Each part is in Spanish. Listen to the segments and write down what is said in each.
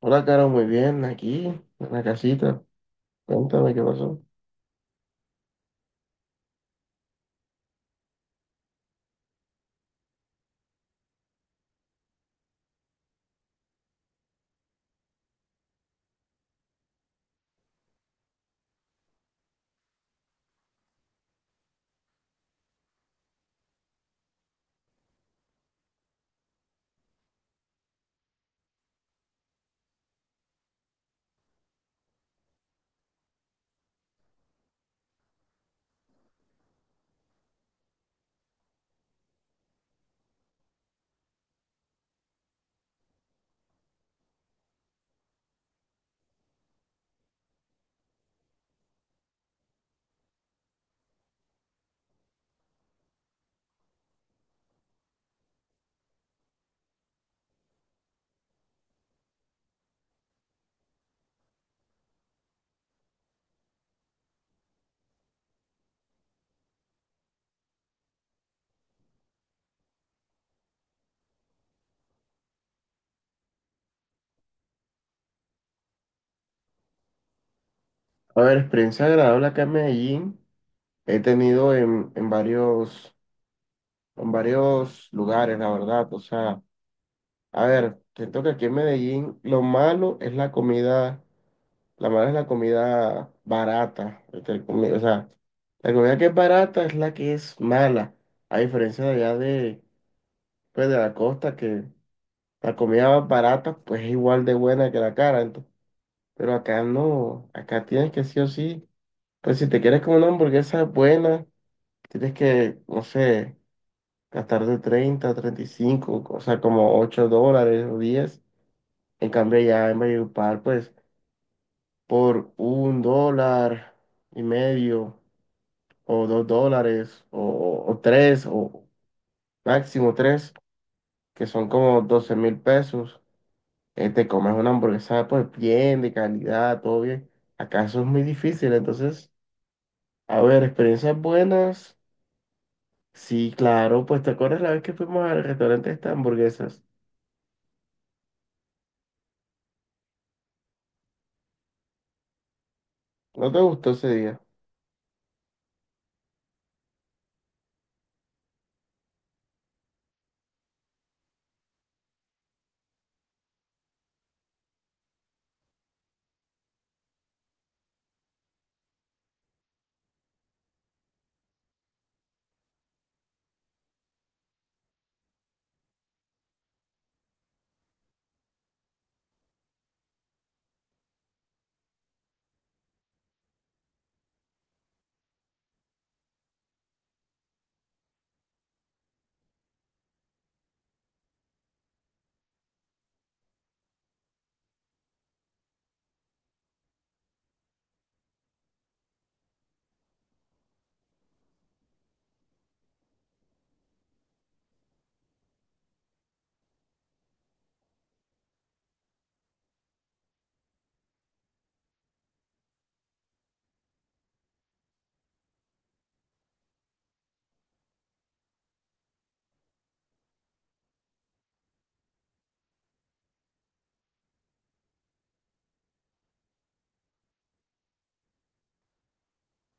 Hola, Caro, muy bien, aquí, en la casita. Cuéntame qué pasó. A ver, experiencia agradable acá en Medellín. He tenido en varios lugares, la verdad. O sea, a ver, siento que aquí en Medellín lo malo es la comida, la mala es la comida barata. O sea, la comida que es barata es la que es mala. A diferencia de allá pues, de la costa, que la comida barata pues es igual de buena que la cara. Pero acá no, acá tienes que sí o sí. Pues si te quieres comer una hamburguesa buena, tienes que, no sé, gastar de 30 35, o sea, como $8 o 10. En cambio, ya en Valledupar, pues por un dólar y medio, o dos dólares, o tres, o máximo tres, que son como 12.000 pesos, te comes una hamburguesa, pues bien, de calidad, todo bien. Acá eso es muy difícil, entonces. A ver, experiencias buenas. Sí, claro, pues te acuerdas la vez que fuimos al restaurante de estas hamburguesas. ¿No te gustó ese día?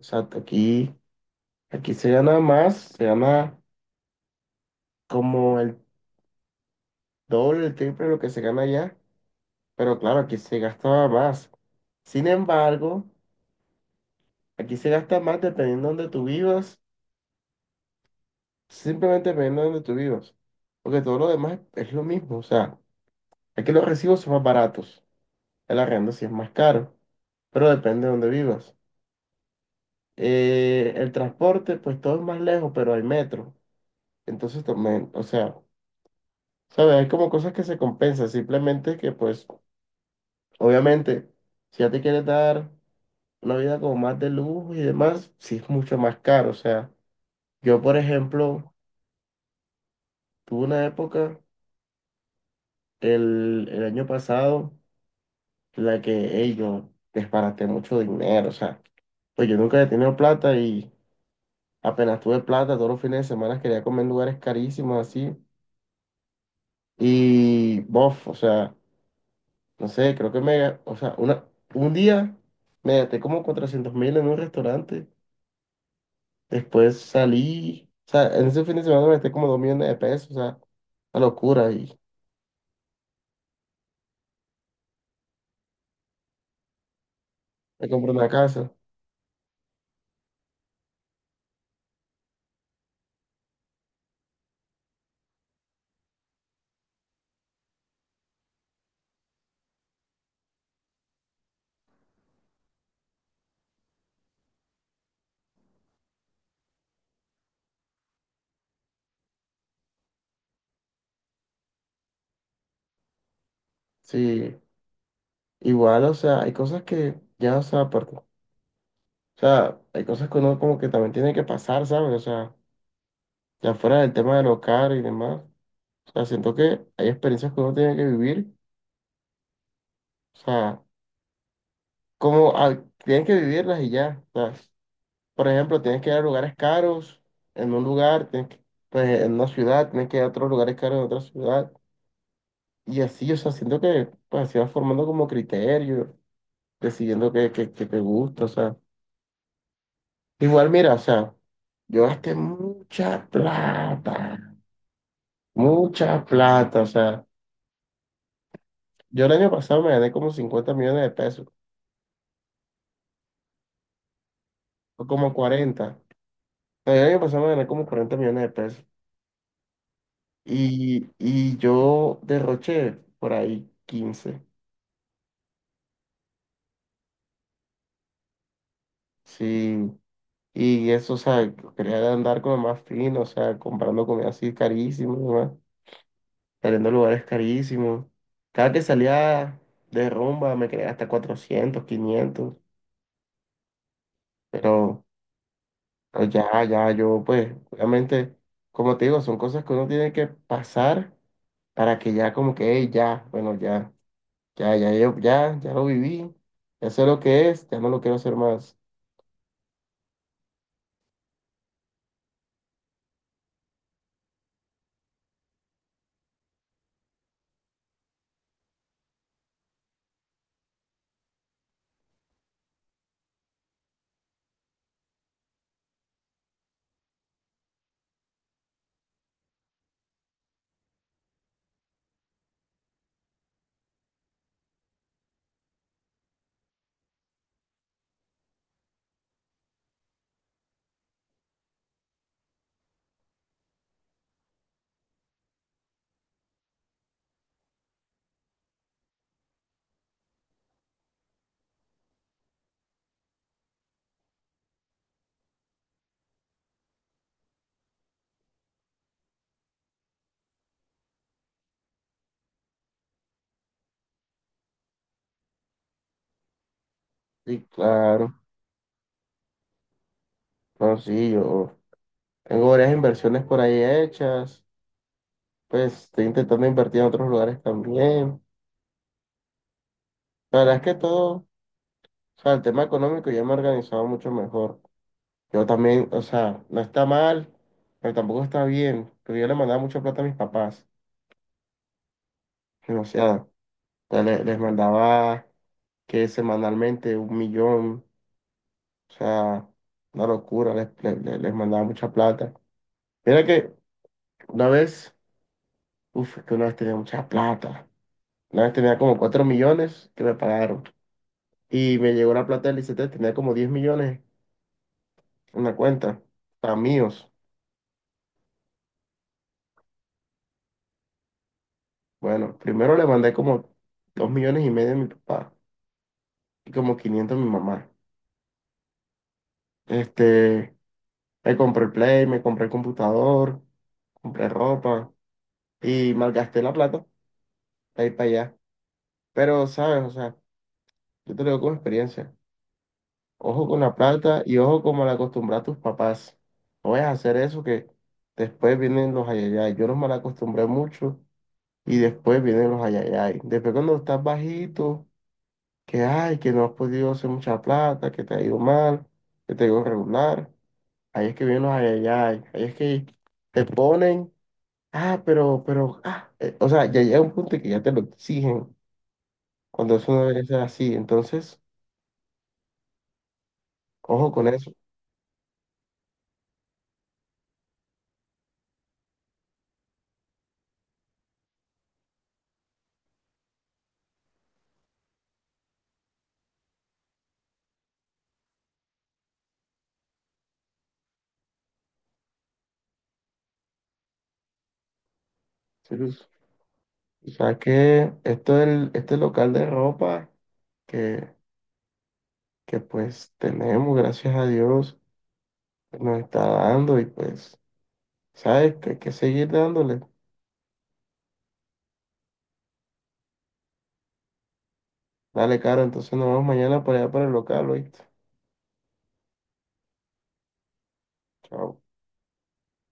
Exacto, aquí se gana más, se gana como el doble, el triple de lo que se gana allá, pero claro, aquí se gastaba más. Sin embargo, aquí se gasta más dependiendo de donde tú vivas, simplemente dependiendo de donde tú vivas, porque todo lo demás es lo mismo, o sea, aquí los recibos son más baratos, el arrendo sí es más caro, pero depende de donde vivas. El transporte, pues todo es más lejos, pero hay metro. Entonces también, o sea, ¿sabes? Hay como cosas que se compensan. Simplemente que, pues, obviamente, si ya te quieres dar una vida como más de lujo y demás, sí es mucho más caro. O sea, yo, por ejemplo, tuve una época el año pasado en la que, hey, yo disparaté mucho dinero. O sea, pues yo nunca he tenido plata y apenas tuve plata, todos los fines de semana quería comer en lugares carísimos así. Y, bof, o sea, no sé, creo que me, o sea, un día me gasté como 400.000 en un restaurante, después salí, o sea, en ese fin de semana me gasté como 2 millones de pesos, o sea, una locura. Y me compré una casa, sí, igual, o sea, hay cosas que ya, o sea, aparte, o sea, hay cosas que uno como que también tiene que pasar, ¿sabes? O sea, ya fuera del tema de lo caro y demás, o sea, siento que hay experiencias que uno tiene que vivir, o sea, como ah, tienes que vivirlas y ya. O sea, por ejemplo, tienes que ir a lugares caros en un lugar, pues, en una ciudad, tienes que ir a otros lugares caros en otra ciudad. Y así, o sea, siento que pues, así vas formando como criterio, decidiendo qué te gusta, o sea. Igual, mira, o sea, yo gasté mucha plata, o sea. Yo el año pasado me gané como 50 millones de pesos, o como 40. O sea, yo el año pasado me gané como 40 millones de pesos. Y yo derroché por ahí 15. Sí. Y eso, o sea, quería andar como más fino, o sea, comprando comida así carísima, ¿no? Saliendo a lugares carísimos. Cada que salía de rumba me quería hasta 400-500, pero, pero, ya, ya, yo pues, obviamente, como te digo, son cosas que uno tiene que pasar, para que ya como que: "Ey, ya, bueno, ya, ya, ya, ya, ya lo viví, ya sé lo que es, ya no lo quiero hacer más". Sí, claro. No, sí, yo tengo varias inversiones por ahí hechas. Pues estoy intentando invertir en otros lugares también. La verdad es que todo, o sea, el tema económico ya me he organizado mucho mejor. Yo también, o sea, no está mal, pero tampoco está bien. Pero yo le mandaba mucha plata a mis papás, demasiada. O sea, les mandaba que semanalmente 1 millón, o sea, una locura, les mandaba mucha plata. Mira que una vez, uff, que una vez tenía mucha plata. Una vez tenía como 4 millones que me pagaron. Y me llegó la plata del ICT, tenía como 10 millones en la cuenta, para míos. Bueno, primero le mandé como 2,5 millones a mi papá y como 500 a mi mamá. Este, Me compré el Play, me compré el computador, compré ropa y malgasté la plata para ir para allá. Pero, ¿sabes? O sea, yo te lo digo con experiencia. Ojo con la plata y ojo como la acostumbra a tus papás. No vayas a hacer eso que después vienen los ayayay. Yo los mal acostumbré mucho y después vienen los ayayay. Después, cuando estás bajito, que ay, que no has podido hacer mucha plata, que te ha ido mal, que te ha ido regular. Ahí es que vienen los ayayay. Ahí es que te ponen, ah, pero, ah. O sea, ya llega un punto que ya te lo exigen, cuando eso no debe ser así. Entonces, ojo con eso. Cyrus. Ya que esto este local de ropa que, que pues tenemos, gracias a Dios, nos está dando y pues, ¿sabes? Que hay que seguir dándole. Dale, Caro, entonces nos vemos mañana para allá para el local, ¿oíste? Chao.